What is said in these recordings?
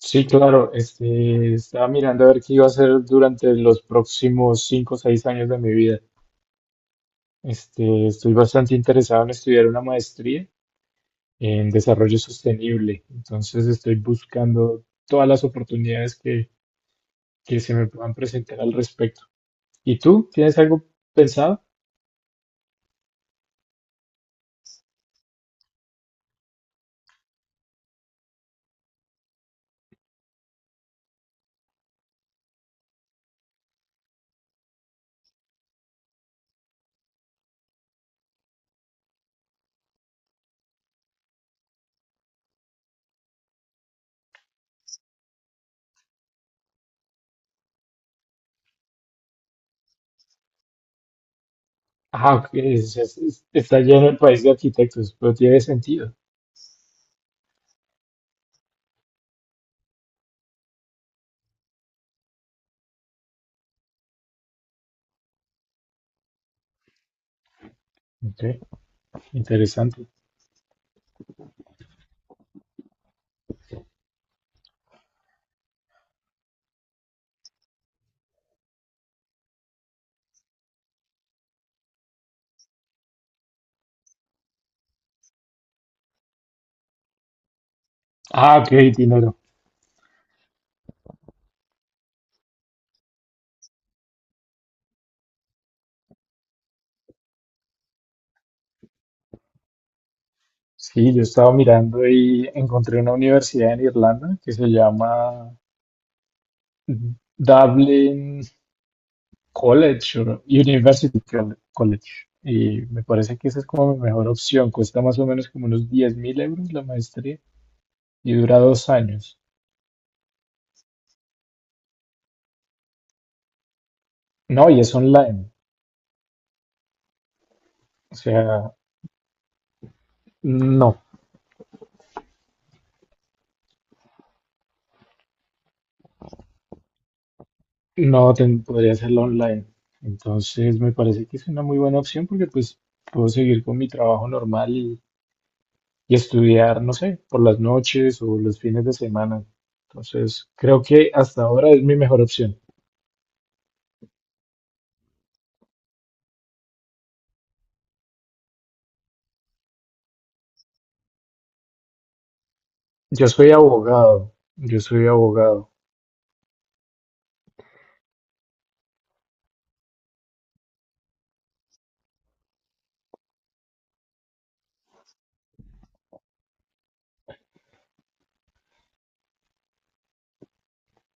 Sí, claro, estaba mirando a ver qué iba a hacer durante los próximos 5 o 6 años de mi vida. Estoy bastante interesado en estudiar una maestría en desarrollo sostenible, entonces estoy buscando todas las oportunidades que se me puedan presentar al respecto. ¿Y tú? ¿Tienes algo pensado? Ah, ok, está lleno el país de arquitectos, pero tiene sentido. Ok, interesante. Ah, ok, dinero. Sí, yo estaba mirando y encontré una universidad en Irlanda que se llama Dublin College o University College. Y me parece que esa es como mi mejor opción. Cuesta más o menos como unos 10.000 euros la maestría y dura 2 años. No, y es online. O sea, no, podría hacerlo online. Entonces me parece que es una muy buena opción porque pues puedo seguir con mi trabajo normal y estudiar, no sé, por las noches o los fines de semana. Entonces, creo que hasta ahora es mi mejor opción. Yo soy abogado, yo soy abogado.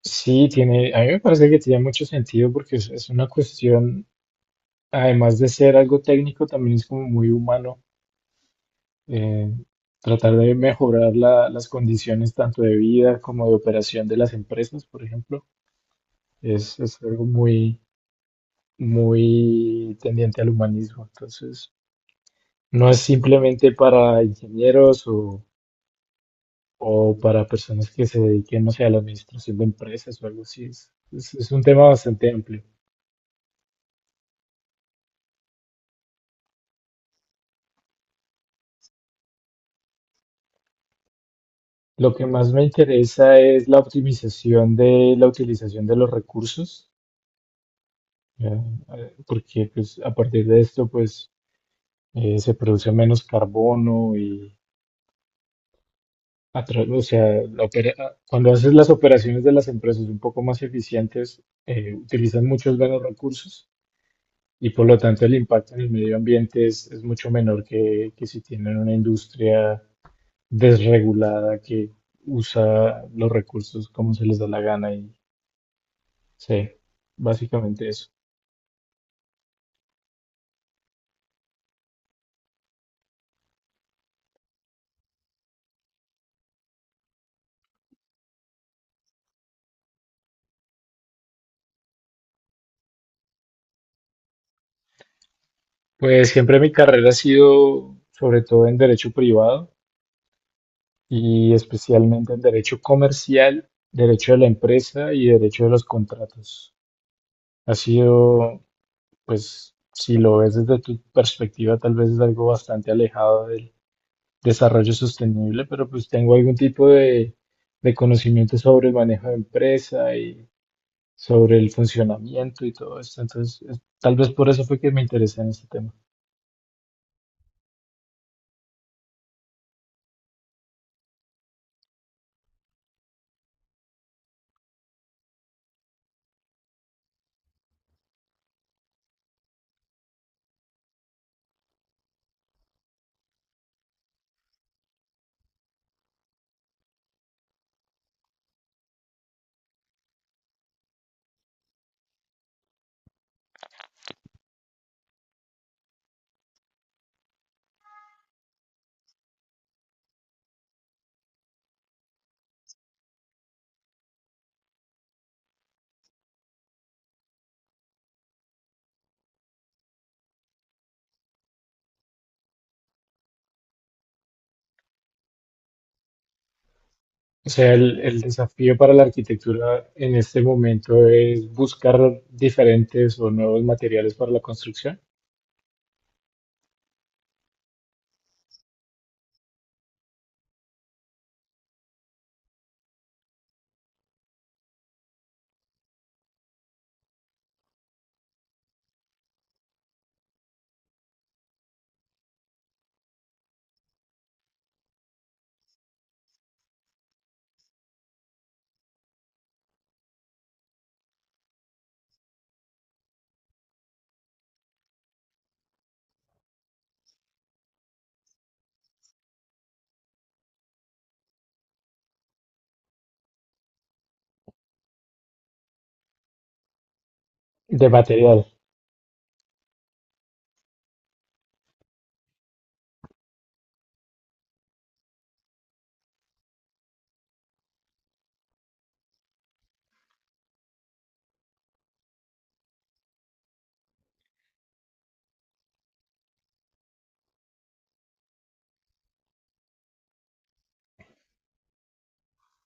Sí, tiene, a mí me parece que tiene mucho sentido porque es una cuestión, además de ser algo técnico, también es como muy humano, eh, tratar de mejorar las condiciones tanto de vida como de operación de las empresas, por ejemplo, es algo muy, muy tendiente al humanismo. Entonces, no es simplemente para ingenieros o, para personas que se dediquen, no sé, a la administración de empresas o algo así. Es un tema bastante amplio. Lo que más me interesa es la optimización de la utilización de los recursos, ¿ya? Porque pues, a partir de esto pues, se produce menos carbono y, o sea, cuando haces las operaciones de las empresas un poco más eficientes, utilizan muchos menos recursos. Y por lo tanto el impacto en el medio ambiente es mucho menor que, si tienen una industria desregulada que usa los recursos como se les da la gana y sí, básicamente eso. Pues siempre mi carrera ha sido sobre todo en derecho privado y especialmente en derecho comercial, derecho de la empresa y derecho de los contratos. Ha sido, pues, si lo ves desde tu perspectiva, tal vez es algo bastante alejado desarrollo sostenible, pero pues tengo algún tipo de, conocimiento sobre el manejo de empresa y sobre el funcionamiento y todo esto. Entonces, tal vez por eso fue que me interesé en este tema. O sea, el, desafío para la arquitectura en este momento es buscar diferentes o nuevos materiales para la construcción de material.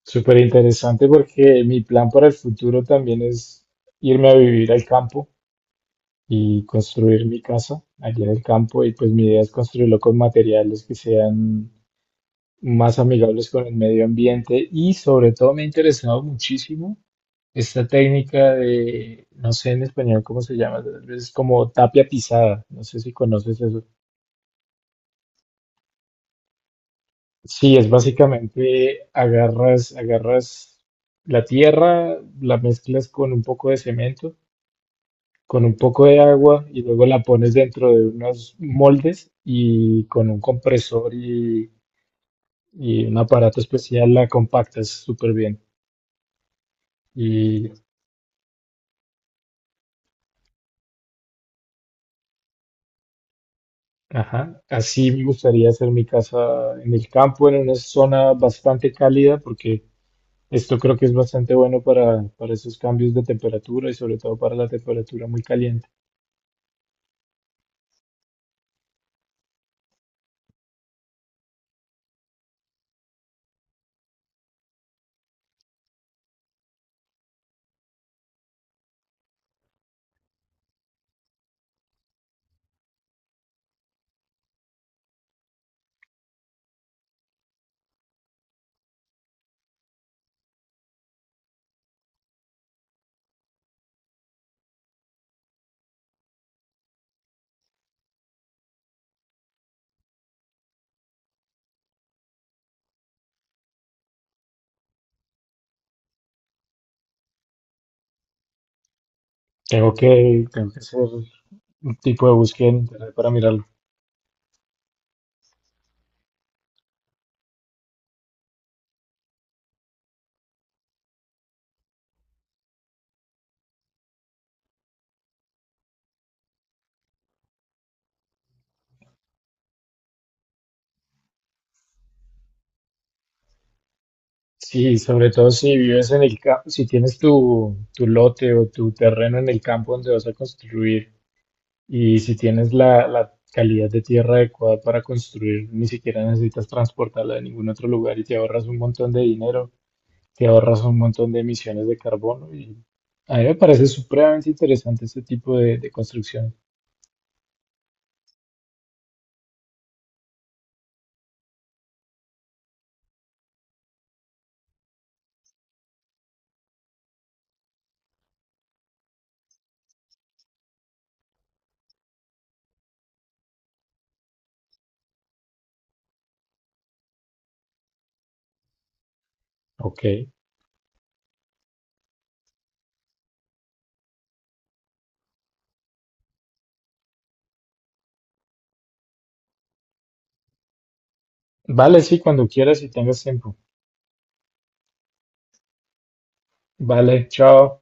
Súper interesante porque mi plan para el futuro también es irme a vivir al campo y construir mi casa allí en el campo. Y pues mi idea es construirlo con materiales que sean más amigables con el medio ambiente y sobre todo me ha interesado muchísimo esta técnica de, no sé en español cómo se llama, es como tapia pisada, no sé si conoces eso. Sí, es básicamente agarras la tierra, la mezclas con un poco de cemento con un poco de agua y luego la pones dentro de unos moldes y con un compresor y, un aparato especial la compactas súper bien. Y ajá, así me gustaría hacer mi casa en el campo, en una zona bastante cálida, porque esto creo que es bastante bueno para, esos cambios de temperatura y sobre todo para la temperatura muy caliente. Tengo que hacer un tipo de búsqueda en internet para mirarlo. Sí, sobre todo si vives en el campo, si tienes tu, lote o tu terreno en el campo donde vas a construir y si tienes la, calidad de tierra adecuada para construir, ni siquiera necesitas transportarla de ningún otro lugar y te ahorras un montón de dinero, te ahorras un montón de emisiones de carbono y a mí me parece supremamente interesante este tipo de, construcción. Ok, vale, sí, cuando quieras y tengas tiempo. Vale, chao.